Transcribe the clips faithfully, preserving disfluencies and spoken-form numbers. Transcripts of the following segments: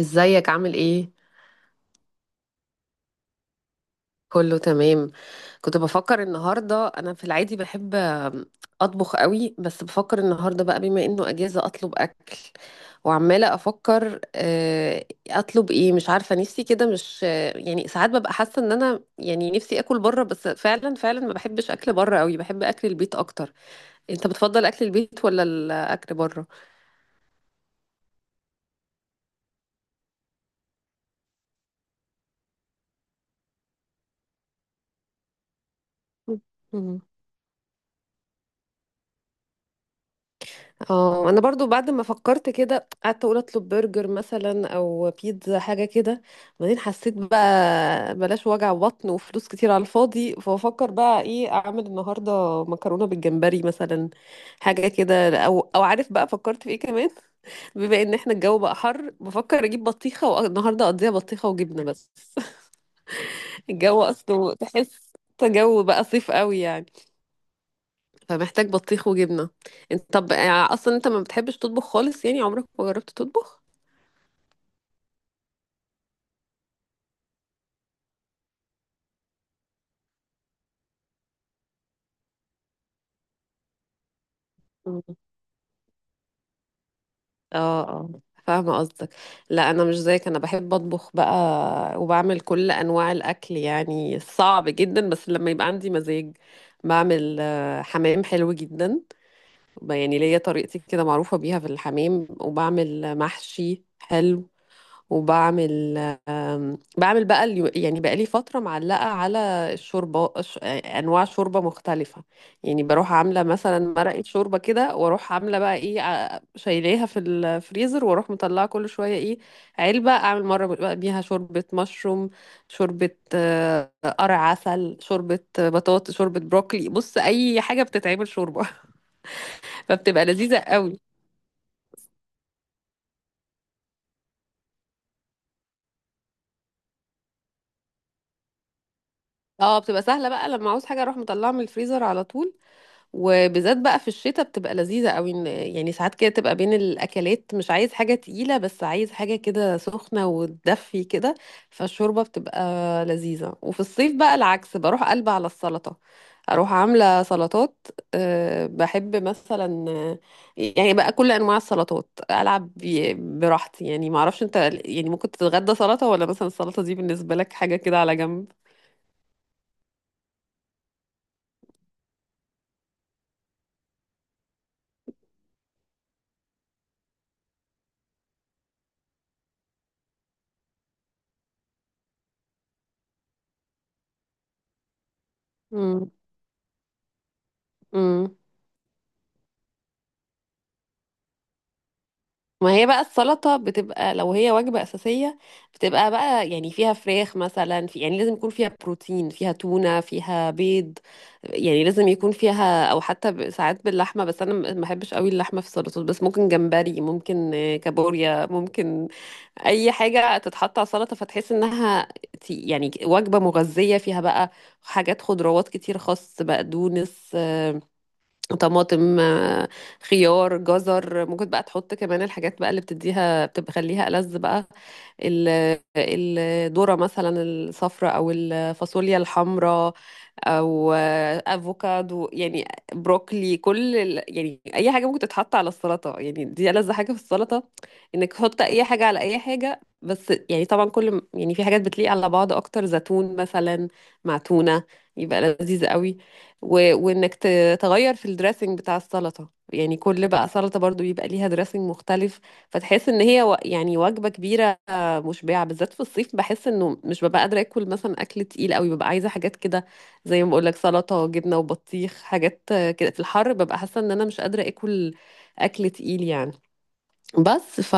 ازيك، عامل ايه؟ كله تمام. كنت بفكر النهارده، انا في العادي بحب اطبخ قوي، بس بفكر النهارده بقى بما انه اجازه اطلب اكل. وعماله افكر آه، اطلب ايه، مش عارفه نفسي كده، مش آه، يعني ساعات ببقى حاسه ان انا يعني نفسي اكل بره، بس فعلا فعلا ما بحبش اكل بره قوي، بحب اكل البيت اكتر. انت بتفضل اكل البيت ولا الاكل بره؟ اه، انا برضو بعد ما فكرت كده قعدت اقول اطلب برجر مثلا او بيتزا حاجه كده، بعدين حسيت بقى بلاش وجع بطن وفلوس كتير على الفاضي، فافكر بقى ايه اعمل النهارده، مكرونه بالجمبري مثلا حاجه كده، او او عارف بقى فكرت في ايه كمان. بما ان احنا الجو بقى حر، بفكر اجيب بطيخه والنهارده اقضيها بطيخه وجبنه بس. الجو اصله تحس جو بقى صيف قوي يعني، فمحتاج بطيخ وجبنة. انت طب آه، اصلا انت ما بتحبش تطبخ خالص؟ يعني عمرك ما جربت تطبخ؟ مم. اه اه، فاهمة قصدك. لا، أنا مش زيك، أنا بحب أطبخ بقى، وبعمل كل أنواع الأكل يعني، صعب جدا بس لما يبقى عندي مزاج بعمل آه، حمام حلو جدا. ب- يعني ليا طريقتي كده معروفة بيها في الحمام، وبعمل محشي حلو، وبعمل آم، بعمل بقى اليو- يعني بقى لي فترة معلقة على الشوربة، ش- أنواع شوربة مختلفة. يعني بروح عاملة مثلا مرقة شوربة كده، وأروح عاملة بقى إيه ع- شايلاها في الفريزر، وأروح مطلعة كل شوية إيه علبة، أعمل مرة بقى بيها شوربة مشروم، شوربة آه، قرع عسل، شوربة بطاطس، شوربة بروكلي، بص أي حاجة بتتعمل شوربة. فبتبقى لذيذة قوي. اه، بتبقى سهلة بقى لما عاوز حاجة أروح مطلعة من الفريزر على طول، وبالذات بقى في الشتاء بتبقى لذيذة قوي، إن- يعني ساعات كده تبقى بين الأكلات مش عايز حاجة تقيلة، بس عايز حاجة كده سخنة وتدفي كده، فالشوربة بتبقى لذيذة. وفي الصيف بقى العكس، بروح قلبة على السلطة، أروح عاملة سلطات. أه، بحب مثلا آه، يعني بقى كل أنواع السلطات، ألعب بي- براحتي يعني، معرفش أنت يعني ممكن تتغدى سلطة، ولا مثلا السلطة دي بالنسبة لك حاجة كده على جنب؟ مم. ما هي بقى السلطة بتبقى لو هي وجبة أساسية، بتبقى بقى يعني فيها فراخ مثلا، في يعني لازم يكون فيها بروتين، فيها تونة، فيها بيض، يعني لازم يكون فيها، أو حتى ب- ساعات باللحمة، بس أنا ما بحبش قوي اللحمة في السلطات، بس ممكن جمبري، ممكن آه، كابوريا، ممكن أي حاجة تتحط على سلطة، فتحس إنها تي- يعني وجبة مغذية، فيها بقى حاجات خضروات كتير، خس، بقدونس، طماطم، آه، خيار، جزر، ممكن بقى تحط كمان الحاجات بقى اللي بتديها بتخليها ألذ بقى، ال- الذرة مثلا الصفراء، أو الفاصوليا الحمراء، او افوكادو يعني، بروكلي، كل ال- يعني اي حاجه ممكن تتحط على السلطه، يعني دي ألذ حاجه في السلطه، انك تحط اي حاجه على اي حاجه، بس يعني طبعا كل م- يعني في حاجات بتليق على بعض اكتر، زيتون مثلا مع تونه يبقى لذيذ قوي. و... وانك ت- تغير في الدريسنج بتاع السلطه، يعني كل بقى سلطه برضو يبقى ليها دريسنج مختلف، فتحس ان هي و... يعني وجبه كبيره مشبعه، بالذات في الصيف بحس انه مش ببقى قادره اكل مثلا اكل تقيل قوي، ببقى عايزه حاجات كده زي ما بقول لك، سلطه، جبنه وبطيخ، حاجات كده في الحر، ببقى حاسه ان انا مش قادره اكل اكل تقيل يعني. بس ف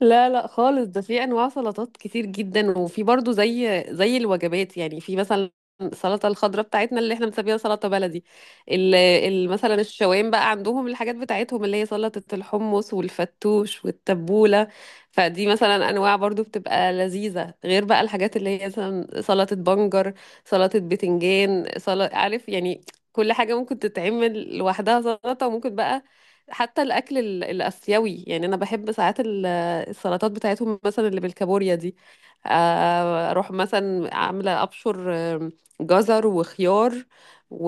لا لا خالص، ده في انواع سلطات كتير جدا، وفي برضو زي زي الوجبات يعني، في مثلا السلطه الخضراء بتاعتنا اللي احنا بنسميها سلطه بلدي، ال ال- مثلا الشوام بقى عندهم الحاجات بتاعتهم اللي هي سلطه الحمص والفتوش والتبوله. فدي مثلا انواع برضو بتبقى لذيذه، غير بقى الحاجات اللي هي مثلا سلطه بنجر، سلطه بتنجان، سلطه عارف يعني، كل حاجه ممكن تتعمل لوحدها سلطه. وممكن بقى حتى الاكل ال- الاسيوي، يعني انا بحب ساعات ال السلطات بتاعتهم مثلا اللي بالكابوريا دي، آه، اروح مثلا عامله ابشر آم، جزر وخيار، و...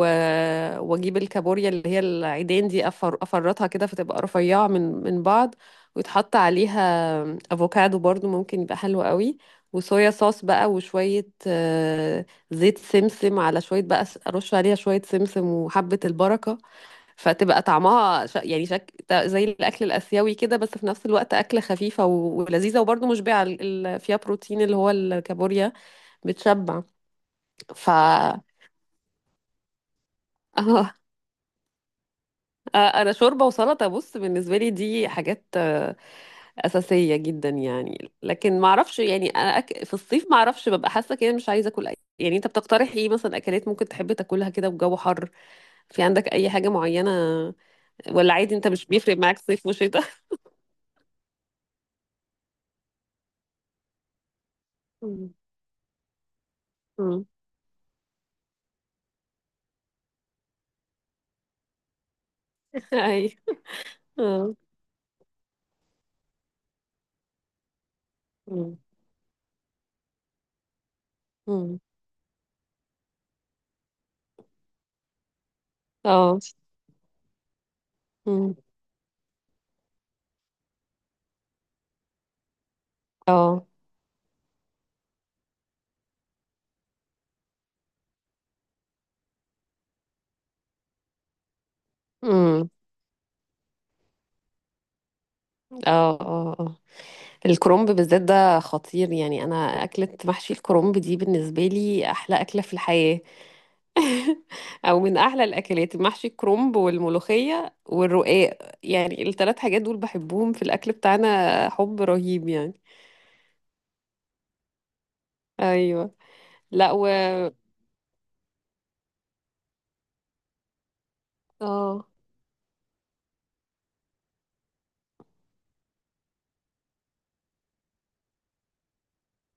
واجيب الكابوريا اللي هي العيدان دي، أفر... افرطها كده فتبقى رفيعه من من بعض، ويتحط عليها افوكادو برضو ممكن يبقى حلو قوي، وصويا صوص بقى وشويه آه، زيت سمسم، على شويه بقى ارش عليها شويه سمسم وحبه البركه، فتبقى طعمها ش... يعني شك... تا- زي الاكل الاسيوي كده، بس في نفس الوقت اكله خفيفه و... ولذيذه وبرضه مشبعه ال... ال- فيها بروتين اللي هو الكابوريا بتشبع. ف اه، آه، انا شوربه وسلطه بص، بالنسبه لي دي حاجات آه، اساسيه جدا يعني، لكن ما اعرفش يعني انا أك... في الصيف ما اعرفش ببقى حاسه كده مش عايزه اكل أي... يعني انت بتقترح ايه مثلا؟ اكلات ممكن تحب تاكلها كده والجو حر؟ في عندك اي حاجه معينه، ولا عادي انت مش بيفرق معاك صيف وشتاء؟ مم. مم. اي، اه، مم. مم. اه، مم. اه، مم. اه اه آه. الكرنب بالذات ده خطير يعني، انا اكلة محشي الكرنب دي بالنسبة لي احلى اكلة في الحياة. او من احلى الاكلات، محشي الكرنب والملوخية والرقاق، يعني الثلاث حاجات دول بحبهم في الاكل بتاعنا حب رهيب يعني. ايوه، لا و اه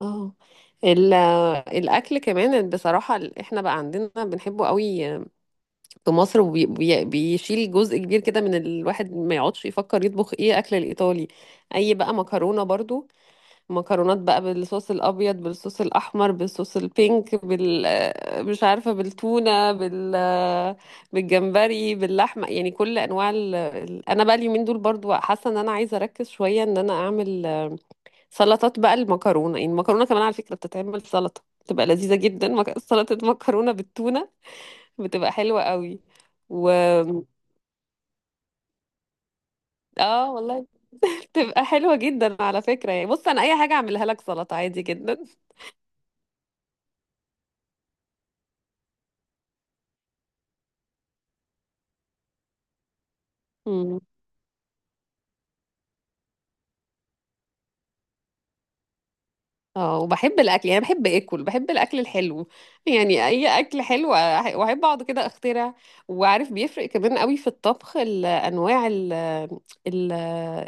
اه، ال- الاكل كمان بصراحه، ال- احنا بقى عندنا بنحبه قوي في مصر، وبي- بي- بيشيل جزء كبير كده من الواحد، ما يقعدش يفكر يطبخ ايه؟ اكل الايطالي، اي بقى مكرونه برضو، مكرونات بقى بالصوص الابيض، بالصوص الاحمر، بالصوص البينك، بال آه، مش عارفه، بالتونه، بال آه، بالجمبري، باللحمه، يعني كل انواع ال... ال- انا بقى اليومين دول برضو حاسه ان انا عايزه اركز شويه ان انا اعمل آه، سلطات بقى المكرونه، يعني المكرونه كمان على فكره بتتعمل سلطه، بتبقى لذيذه جدا، مك- سلطه مكرونه بالتونه بتبقى حلوة قوي. و اه، والله. بتبقى حلوة جدا على فكرة يعني، بص انا اي حاجة اعملها لك سلطة عادي جدا. اه، وبحب الاكل يعني، بحب اكل، بحب الاكل الحلو، يعني اي اكل حلو أح- واحب اقعد كده اخترع. وعارف بيفرق كمان قوي في الطبخ ال- انواع ال- ال-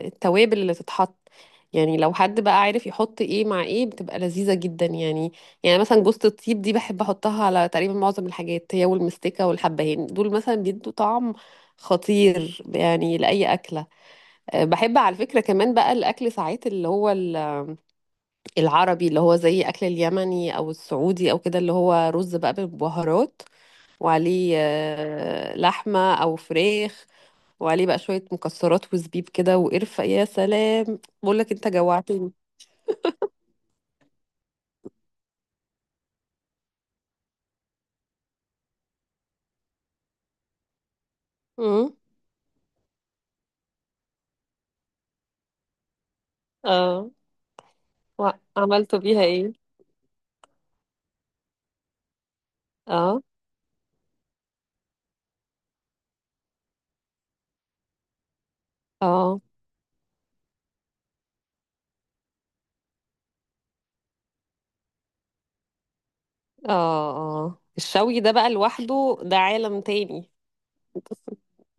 التوابل اللي تتحط، يعني لو حد بقى عارف يحط ايه مع ايه بتبقى لذيذة جدا يعني. يعني مثلا جوزة الطيب دي بحب احطها على تقريبا معظم الحاجات، هي والمستكة والحبهان دول مثلا بيدوا طعم خطير يعني لأي أكلة. أه، بحب على فكرة كمان بقى الأكل ساعات اللي هو العربي، اللي هو زي اكل اليمني او السعودي او كده، اللي هو رز بقى بالبهارات، وعليه آه، لحمه او فراخ، وعليه بقى شويه مكسرات وزبيب كده وقرفه، يا سلام، بقول لك انت جوعتني. امم اه، وعملته بيها ايه؟ اه اه، اه اه، الشوي ده بقى لوحده ده عالم تاني،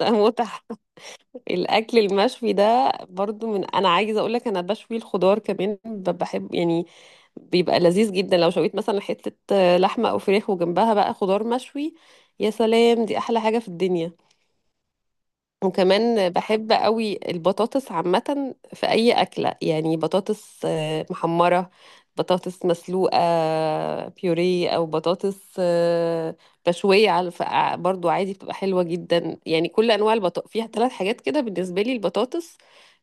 ده متعة. الاكل المشوي ده برضو من انا عايزه اقول لك، انا بشوي الخضار كمان، ب- بحب يعني، بيبقى لذيذ جدا لو شويت مثلا حته لحمه او فراخ وجنبها بقى خضار مشوي، يا سلام، دي احلى حاجه في الدنيا. وكمان بحب قوي البطاطس عامة في أي أكلة، يعني بطاطس آه، محمرة، بطاطس مسلوقة، بيوري، أو بطاطس آه، مشوية على الف- ع- برضو عادي، بتبقى حلوة جدا يعني، كل أنواع البطاطس فيها ثلاث حاجات كده بالنسبة لي، البطاطس،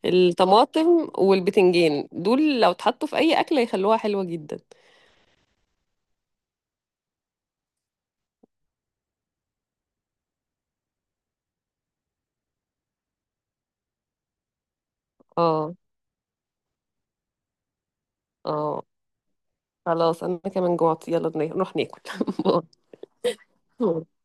الطماطم والبتنجان، دول لو اتحطوا في أي أكلة يخلوها حلوة جدا. اه، اه، خلاص أنا كمان جوعت، يلا نروح ناكل.